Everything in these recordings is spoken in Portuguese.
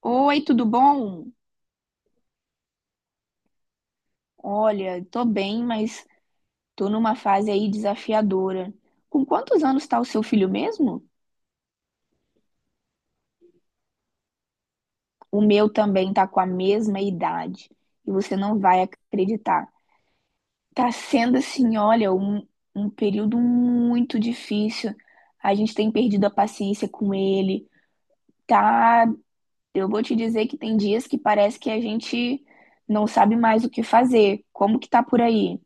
Oi, tudo bom? Olha, tô bem, mas tô numa fase aí desafiadora. Com quantos anos tá o seu filho mesmo? O meu também tá com a mesma idade. E você não vai acreditar. Tá sendo assim, olha, um período muito difícil. A gente tem perdido a paciência com ele. Tá, eu vou te dizer que tem dias que parece que a gente não sabe mais o que fazer. Como que tá por aí?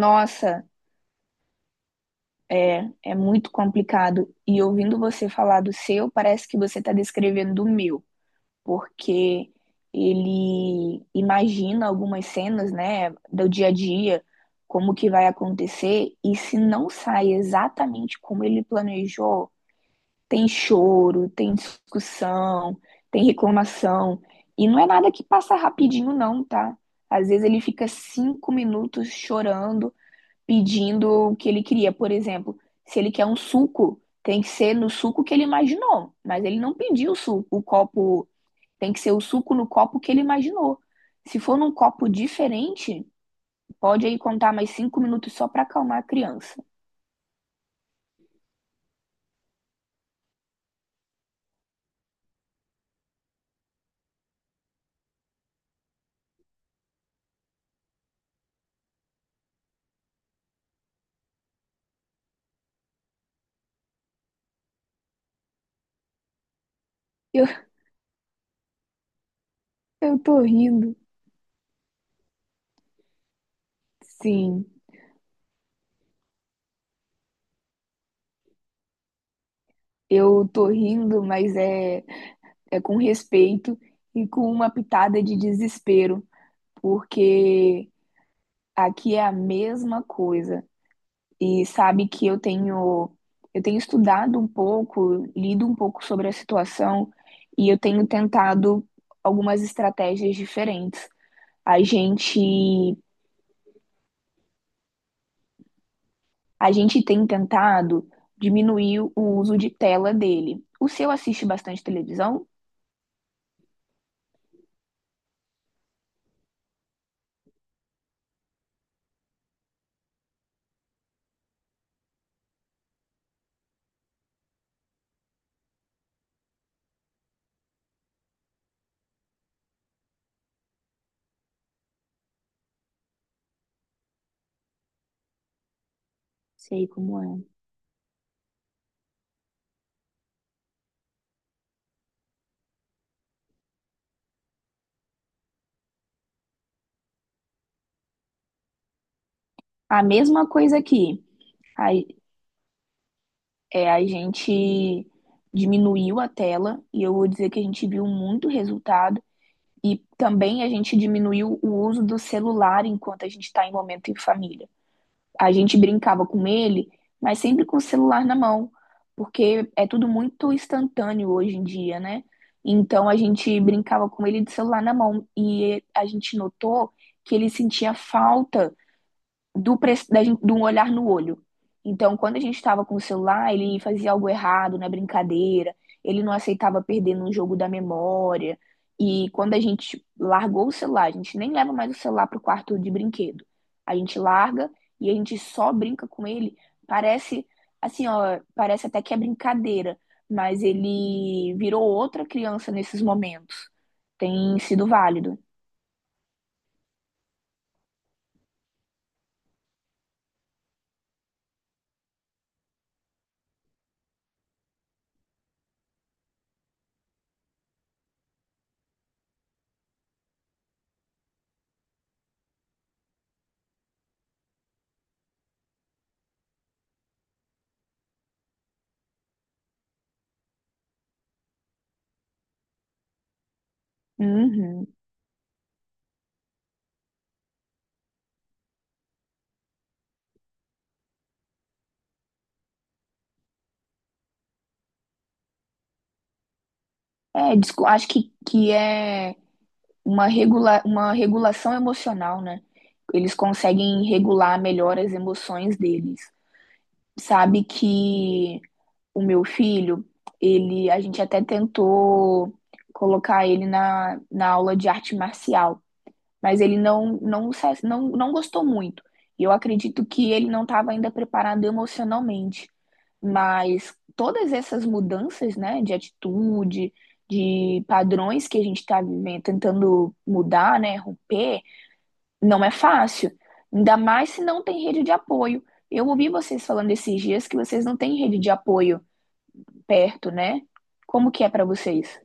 Nossa. É, é muito complicado. E ouvindo você falar do seu, parece que você está descrevendo o meu, porque ele imagina algumas cenas, né, do dia a dia, como que vai acontecer, e se não sai exatamente como ele planejou, tem choro, tem discussão, tem reclamação. E não é nada que passa rapidinho, não, tá? Às vezes ele fica 5 minutos chorando pedindo o que ele queria. Por exemplo, se ele quer um suco, tem que ser no suco que ele imaginou, mas ele não pediu o suco, o copo, tem que ser o suco no copo que ele imaginou. Se for num copo diferente, pode aí contar mais 5 minutos só para acalmar a criança. Eu, eu tô rindo, sim, eu tô rindo, mas é, é com respeito e com uma pitada de desespero, porque aqui é a mesma coisa. E sabe que eu tenho estudado um pouco, lido um pouco sobre a situação e eu tenho tentado algumas estratégias diferentes. A gente a gente tem tentado diminuir o uso de tela dele. O seu assiste bastante televisão? Sei como é. A mesma coisa aqui. A, É, a gente diminuiu a tela e eu vou dizer que a gente viu muito resultado. E também a gente diminuiu o uso do celular enquanto a gente está em momento em família. A gente brincava com ele, mas sempre com o celular na mão, porque é tudo muito instantâneo hoje em dia, né? Então a gente brincava com ele de celular na mão e a gente notou que ele sentia falta do, pre da gente, de um olhar no olho. Então, quando a gente estava com o celular, ele fazia algo errado na brincadeira, ele não aceitava perder num jogo da memória. E quando a gente largou o celular, a gente nem leva mais o celular para o quarto de brinquedo. A gente larga e a gente só brinca com ele. Parece, assim, ó, parece até que é brincadeira, mas ele virou outra criança nesses momentos. Tem sido válido. Uhum. É, acho que é uma regulação emocional, né? Eles conseguem regular melhor as emoções deles. Sabe que o meu filho, ele, a gente até tentou colocar ele na aula de arte marcial, mas ele não gostou muito. E eu acredito que ele não estava ainda preparado emocionalmente. Mas todas essas mudanças, né, de atitude, de padrões que a gente está vivendo, tentando mudar, né, romper, não é fácil. Ainda mais se não tem rede de apoio. Eu ouvi vocês falando esses dias que vocês não têm rede de apoio perto, né? Como que é para vocês?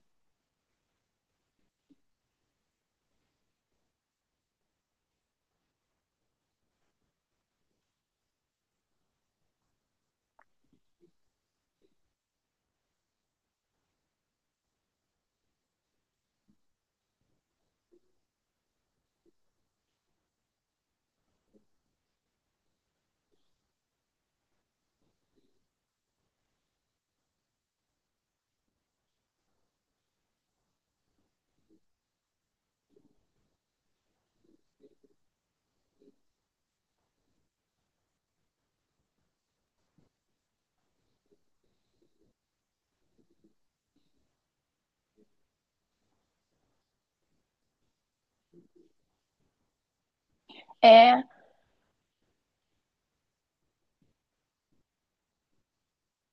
É,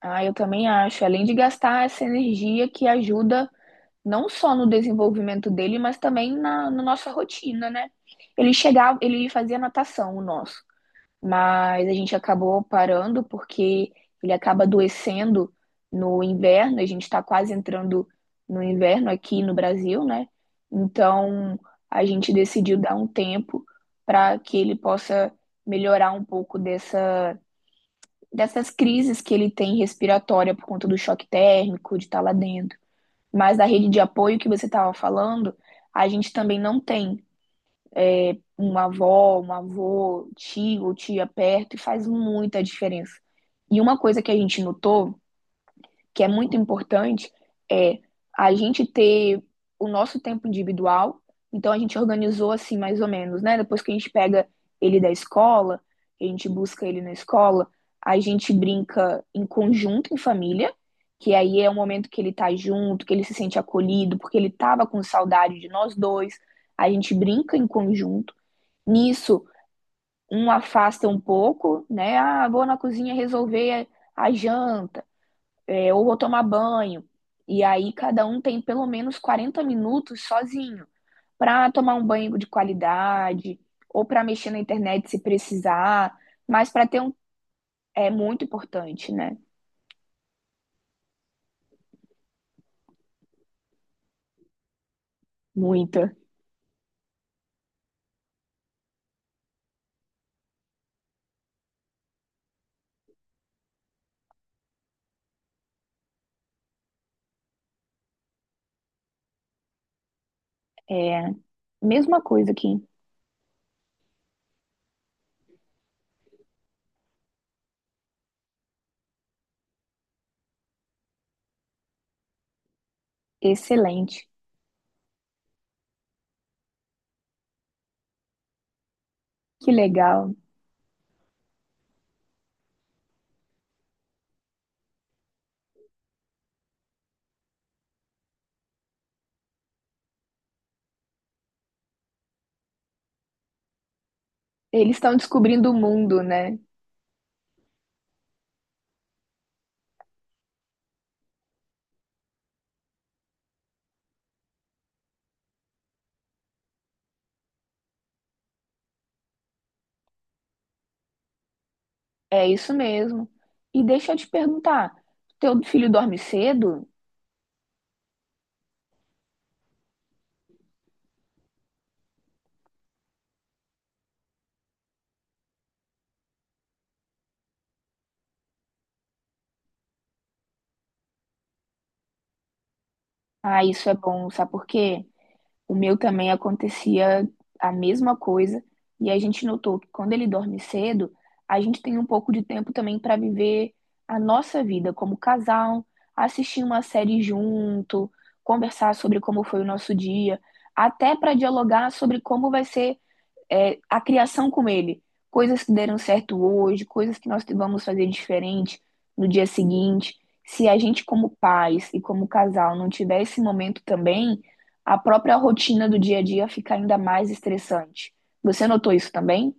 ah, eu também acho. Além de gastar essa energia que ajuda não só no desenvolvimento dele, mas também na nossa rotina, né? Ele chegava, ele fazia natação, o nosso, mas a gente acabou parando porque ele acaba adoecendo no inverno, a gente está quase entrando no inverno aqui no Brasil, né? Então a gente decidiu dar um tempo para que ele possa melhorar um pouco dessas crises que ele tem respiratória por conta do choque térmico, de estar lá dentro. Mas da rede de apoio que você estava falando, a gente também não tem uma avó, um avô, tio ou tia perto, e faz muita diferença. E uma coisa que a gente notou que é muito importante é a gente ter o nosso tempo individual. Então a gente organizou assim mais ou menos, né? Depois que a gente pega ele da escola, a gente busca ele na escola, a gente brinca em conjunto em família, que aí é o momento que ele tá junto, que ele se sente acolhido, porque ele tava com saudade de nós dois. A gente brinca em conjunto. Nisso, um afasta um pouco, né? Ah, vou na cozinha resolver a janta, ou vou tomar banho. E aí cada um tem pelo menos 40 minutos sozinho para tomar um banho de qualidade ou para mexer na internet se precisar, mas para ter um é muito importante, né? Muita. Mesma coisa aqui. Excelente. Que legal. Eles estão descobrindo o mundo, né? É isso mesmo. E deixa eu te perguntar, teu filho dorme cedo? Ah, isso é bom, sabe por quê? O meu também acontecia a mesma coisa, e a gente notou que quando ele dorme cedo, a gente tem um pouco de tempo também para viver a nossa vida como casal, assistir uma série junto, conversar sobre como foi o nosso dia, até para dialogar sobre como vai ser a criação com ele. Coisas que deram certo hoje, coisas que nós vamos fazer diferente no dia seguinte. Se a gente, como pais e como casal, não tiver esse momento também, a própria rotina do dia a dia fica ainda mais estressante. Você notou isso também?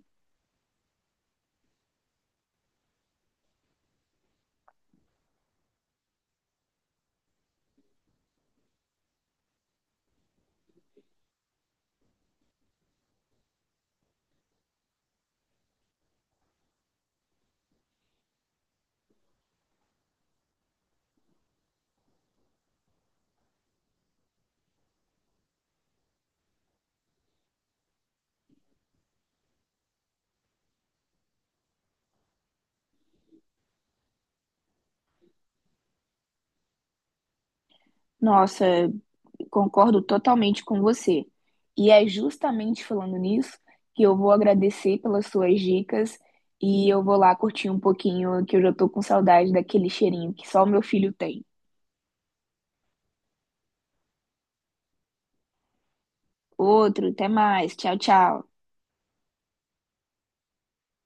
Nossa, concordo totalmente com você. E é justamente falando nisso que eu vou agradecer pelas suas dicas e eu vou lá curtir um pouquinho, que eu já tô com saudade daquele cheirinho que só o meu filho tem. Outro, até mais. Tchau, tchau.